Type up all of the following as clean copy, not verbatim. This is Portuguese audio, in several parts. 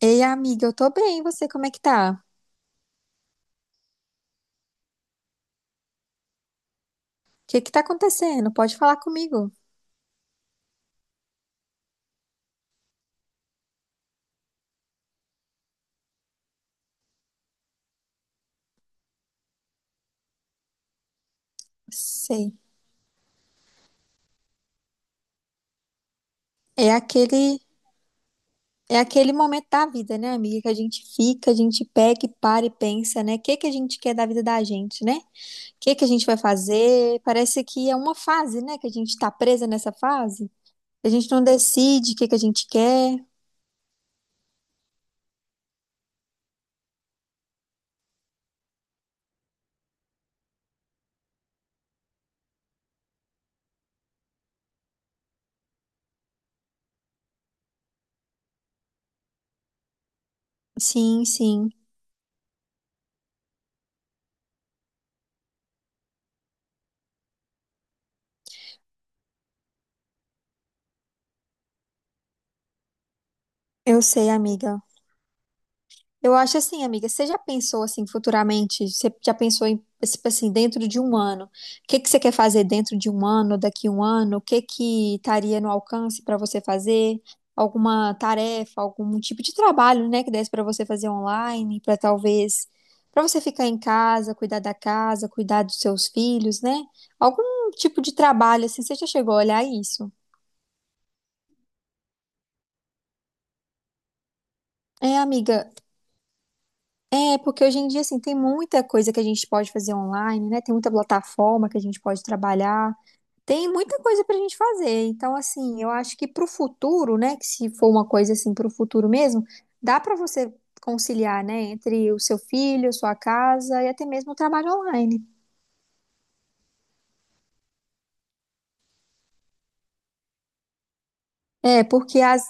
Ei, amiga, eu tô bem, e você como é que tá? O que que tá acontecendo? Pode falar comigo. Sei. É aquele é aquele momento da vida, né, amiga, que a gente fica, a gente pega e para e pensa, né? O que que a gente quer da vida da gente, né? O que que a gente vai fazer? Parece que é uma fase, né, que a gente tá presa nessa fase. A gente não decide o que que a gente quer. Sim, sim. Eu sei, amiga. Eu acho assim, amiga, você já pensou assim futuramente? Você já pensou em, tipo assim, dentro de um ano? O que que você quer fazer dentro de um ano, daqui um ano? O que que estaria no alcance para você fazer? Alguma tarefa, algum tipo de trabalho, né, que desse para você fazer online, para talvez para você ficar em casa, cuidar da casa, cuidar dos seus filhos, né? Algum tipo de trabalho assim, você já chegou a olhar isso? É, amiga, é porque hoje em dia, assim, tem muita coisa que a gente pode fazer online, né? Tem muita plataforma que a gente pode trabalhar. Tem muita coisa pra gente fazer. Então, assim, eu acho que pro futuro, né? Que se for uma coisa assim pro futuro mesmo, dá pra você conciliar, né? Entre o seu filho, sua casa e até mesmo o trabalho online. É, porque as...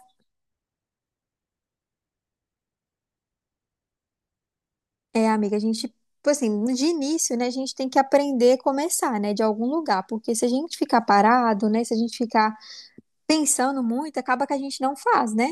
É, amiga, a gente... tipo assim, de início, né? A gente tem que aprender a começar, né? De algum lugar. Porque se a gente ficar parado, né? Se a gente ficar pensando muito, acaba que a gente não faz, né?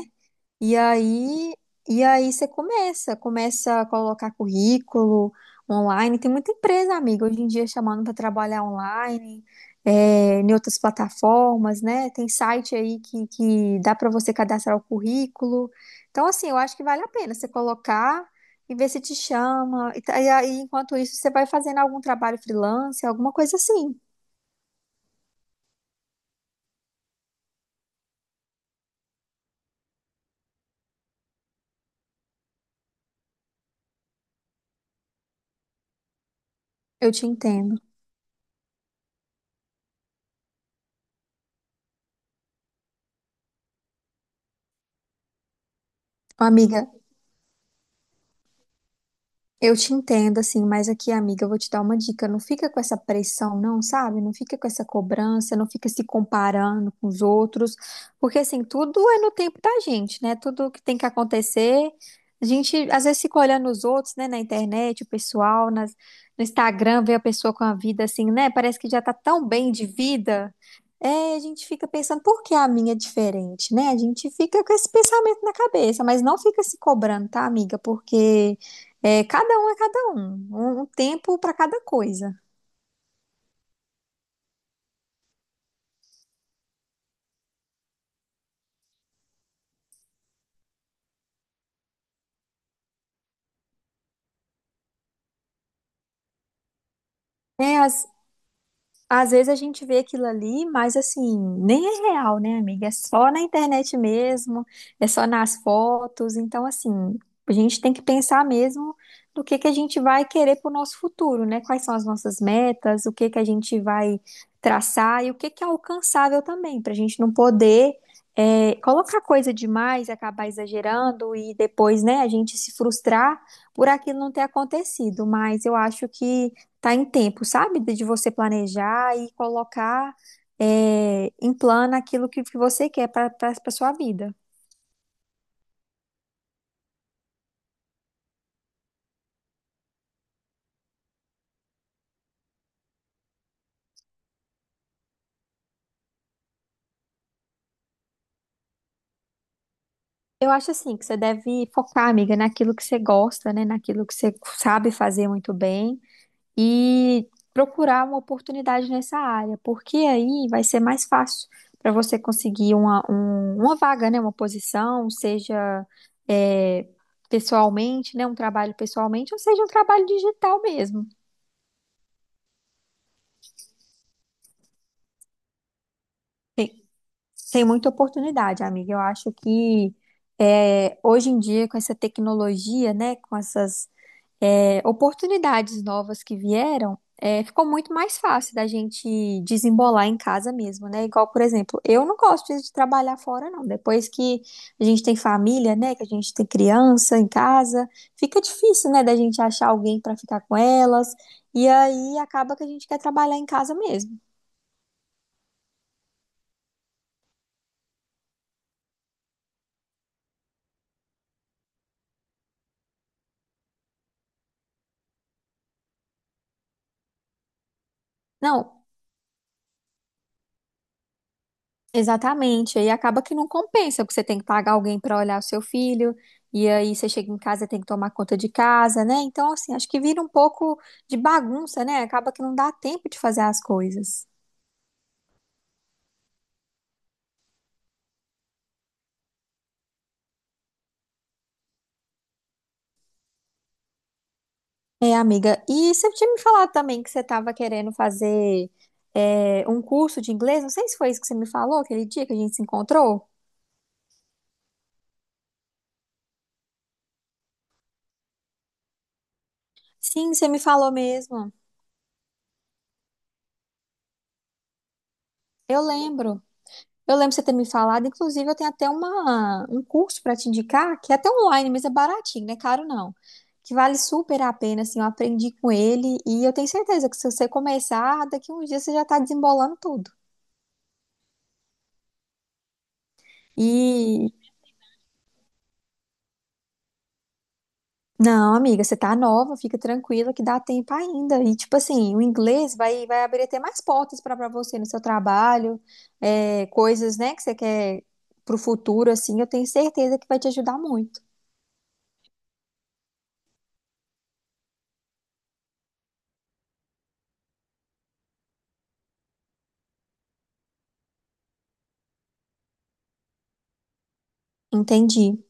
E aí, e aí, você começa, começa a colocar currículo online. Tem muita empresa, amiga, hoje em dia chamando para trabalhar online, em outras plataformas, né? Tem site aí que dá para você cadastrar o currículo. Então, assim, eu acho que vale a pena você colocar e ver se te chama. E, e aí, enquanto isso, você vai fazendo algum trabalho freelance, alguma coisa assim. Eu te entendo. Amiga, eu te entendo, assim, mas aqui, amiga, eu vou te dar uma dica. Não fica com essa pressão, não, sabe? Não fica com essa cobrança, não fica se comparando com os outros, porque, assim, tudo é no tempo da gente, né? Tudo que tem que acontecer. A gente, às vezes, fica olhando os outros, né, na internet, o pessoal, no Instagram, vê a pessoa com a vida assim, né? Parece que já tá tão bem de vida. É, a gente fica pensando, por que a minha é diferente, né? A gente fica com esse pensamento na cabeça, mas não fica se cobrando, tá, amiga? Porque. É cada um, um tempo para cada coisa. É, às Às vezes a gente vê aquilo ali, mas assim, nem é real, né, amiga? É só na internet mesmo, é só nas fotos. Então, assim, a gente tem que pensar mesmo do que a gente vai querer para o nosso futuro, né? Quais são as nossas metas, o que que a gente vai traçar e o que que é alcançável também, para a gente não poder colocar coisa demais, acabar exagerando e depois, né, a gente se frustrar por aquilo não ter acontecido. Mas eu acho que tá em tempo, sabe? De você planejar e colocar em plano aquilo que você quer para sua vida. Eu acho assim que você deve focar, amiga, naquilo que você gosta, né? Naquilo que você sabe fazer muito bem e procurar uma oportunidade nessa área, porque aí vai ser mais fácil para você conseguir uma, uma vaga, né? Uma posição, seja é, pessoalmente, né? Um trabalho pessoalmente, ou seja, um trabalho digital mesmo. Tem muita oportunidade, amiga. Eu acho que hoje em dia, com essa tecnologia, né, com essas oportunidades novas que vieram, ficou muito mais fácil da gente desembolar em casa mesmo, né? Igual, por exemplo, eu não gosto de trabalhar fora, não. Depois que a gente tem família, né, que a gente tem criança em casa, fica difícil, né, da gente achar alguém para ficar com elas. E aí acaba que a gente quer trabalhar em casa mesmo. Não, exatamente, aí acaba que não compensa, porque você tem que pagar alguém para olhar o seu filho, e aí você chega em casa e tem que tomar conta de casa, né? Então, assim, acho que vira um pouco de bagunça, né? Acaba que não dá tempo de fazer as coisas. É, amiga, e você tinha me falado também que você estava querendo fazer um curso de inglês, não sei se foi isso que você me falou aquele dia que a gente se encontrou. Sim, você me falou mesmo, eu lembro. Eu lembro de você ter me falado, inclusive eu tenho até uma, um curso para te indicar, que é até online, mas é baratinho, não é caro não. Que vale super a pena, assim, eu aprendi com ele e eu tenho certeza que se você começar, daqui a uns dias você já tá desembolando tudo. E não, amiga, você tá nova, fica tranquila que dá tempo ainda. E tipo assim, o inglês vai abrir até mais portas para você no seu trabalho, coisas, né, que você quer pro futuro, assim, eu tenho certeza que vai te ajudar muito. Entendi.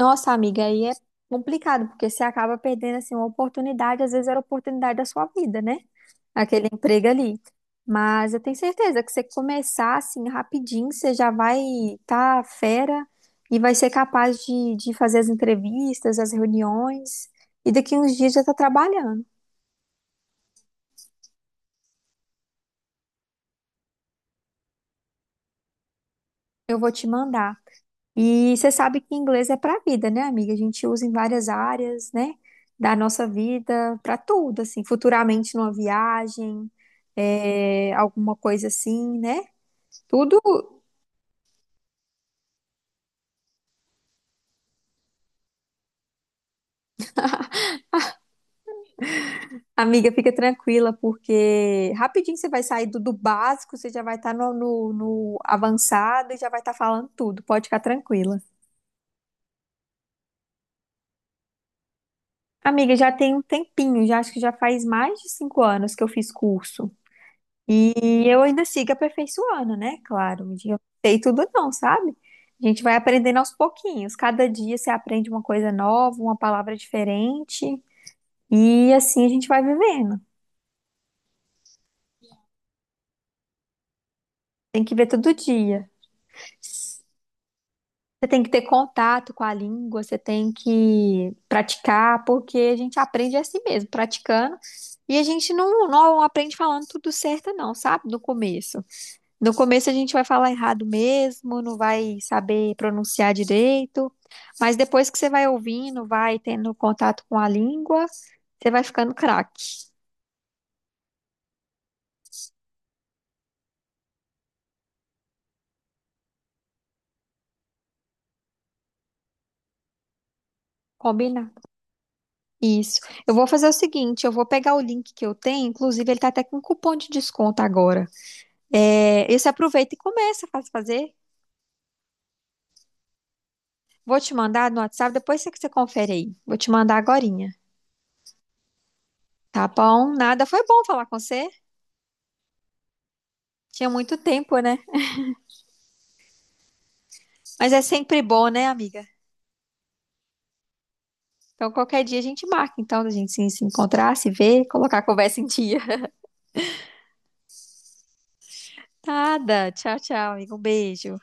Nossa, amiga, aí é complicado, porque você acaba perdendo assim uma oportunidade, às vezes era a oportunidade da sua vida, né? Aquele emprego ali. Mas eu tenho certeza que você começar assim rapidinho, você já vai estar fera e vai ser capaz de fazer as entrevistas, as reuniões, e daqui uns dias já tá trabalhando. Eu vou te mandar. E você sabe que inglês é para a vida, né, amiga? A gente usa em várias áreas, né, da nossa vida, para tudo, assim, futuramente numa viagem, alguma coisa assim, né? Tudo, amiga, fica tranquila, porque rapidinho você vai sair do básico, você já vai estar no avançado e já vai estar falando tudo, pode ficar tranquila. Amiga, já tem um tempinho, já acho que já faz mais de 5 anos que eu fiz curso. E eu ainda sigo aperfeiçoando, né? Claro, um dia eu não sei tudo não, sabe? A gente vai aprendendo aos pouquinhos. Cada dia você aprende uma coisa nova, uma palavra diferente. E assim a gente vai vivendo. Tem que ver todo dia. Você tem que ter contato com a língua, você tem que praticar, porque a gente aprende assim mesmo, praticando. E a gente não aprende falando tudo certo, não, sabe? No começo. No começo a gente vai falar errado mesmo, não vai saber pronunciar direito, mas depois que você vai ouvindo, vai tendo contato com a língua, você vai ficando craque. Combinado. Isso. Eu vou fazer o seguinte, eu vou pegar o link que eu tenho, inclusive ele tá até com cupom de desconto agora. É, e você aproveita e começa a fazer. Vou te mandar no WhatsApp, depois você que você confere aí. Vou te mandar agorinha, tá bom? Nada, foi bom falar com você. Tinha muito tempo, né? Mas é sempre bom, né, amiga? Então, qualquer dia a gente marca, então, da gente se encontrar, se ver, colocar a conversa em dia. Nada. Tchau, tchau, amigo. Um beijo.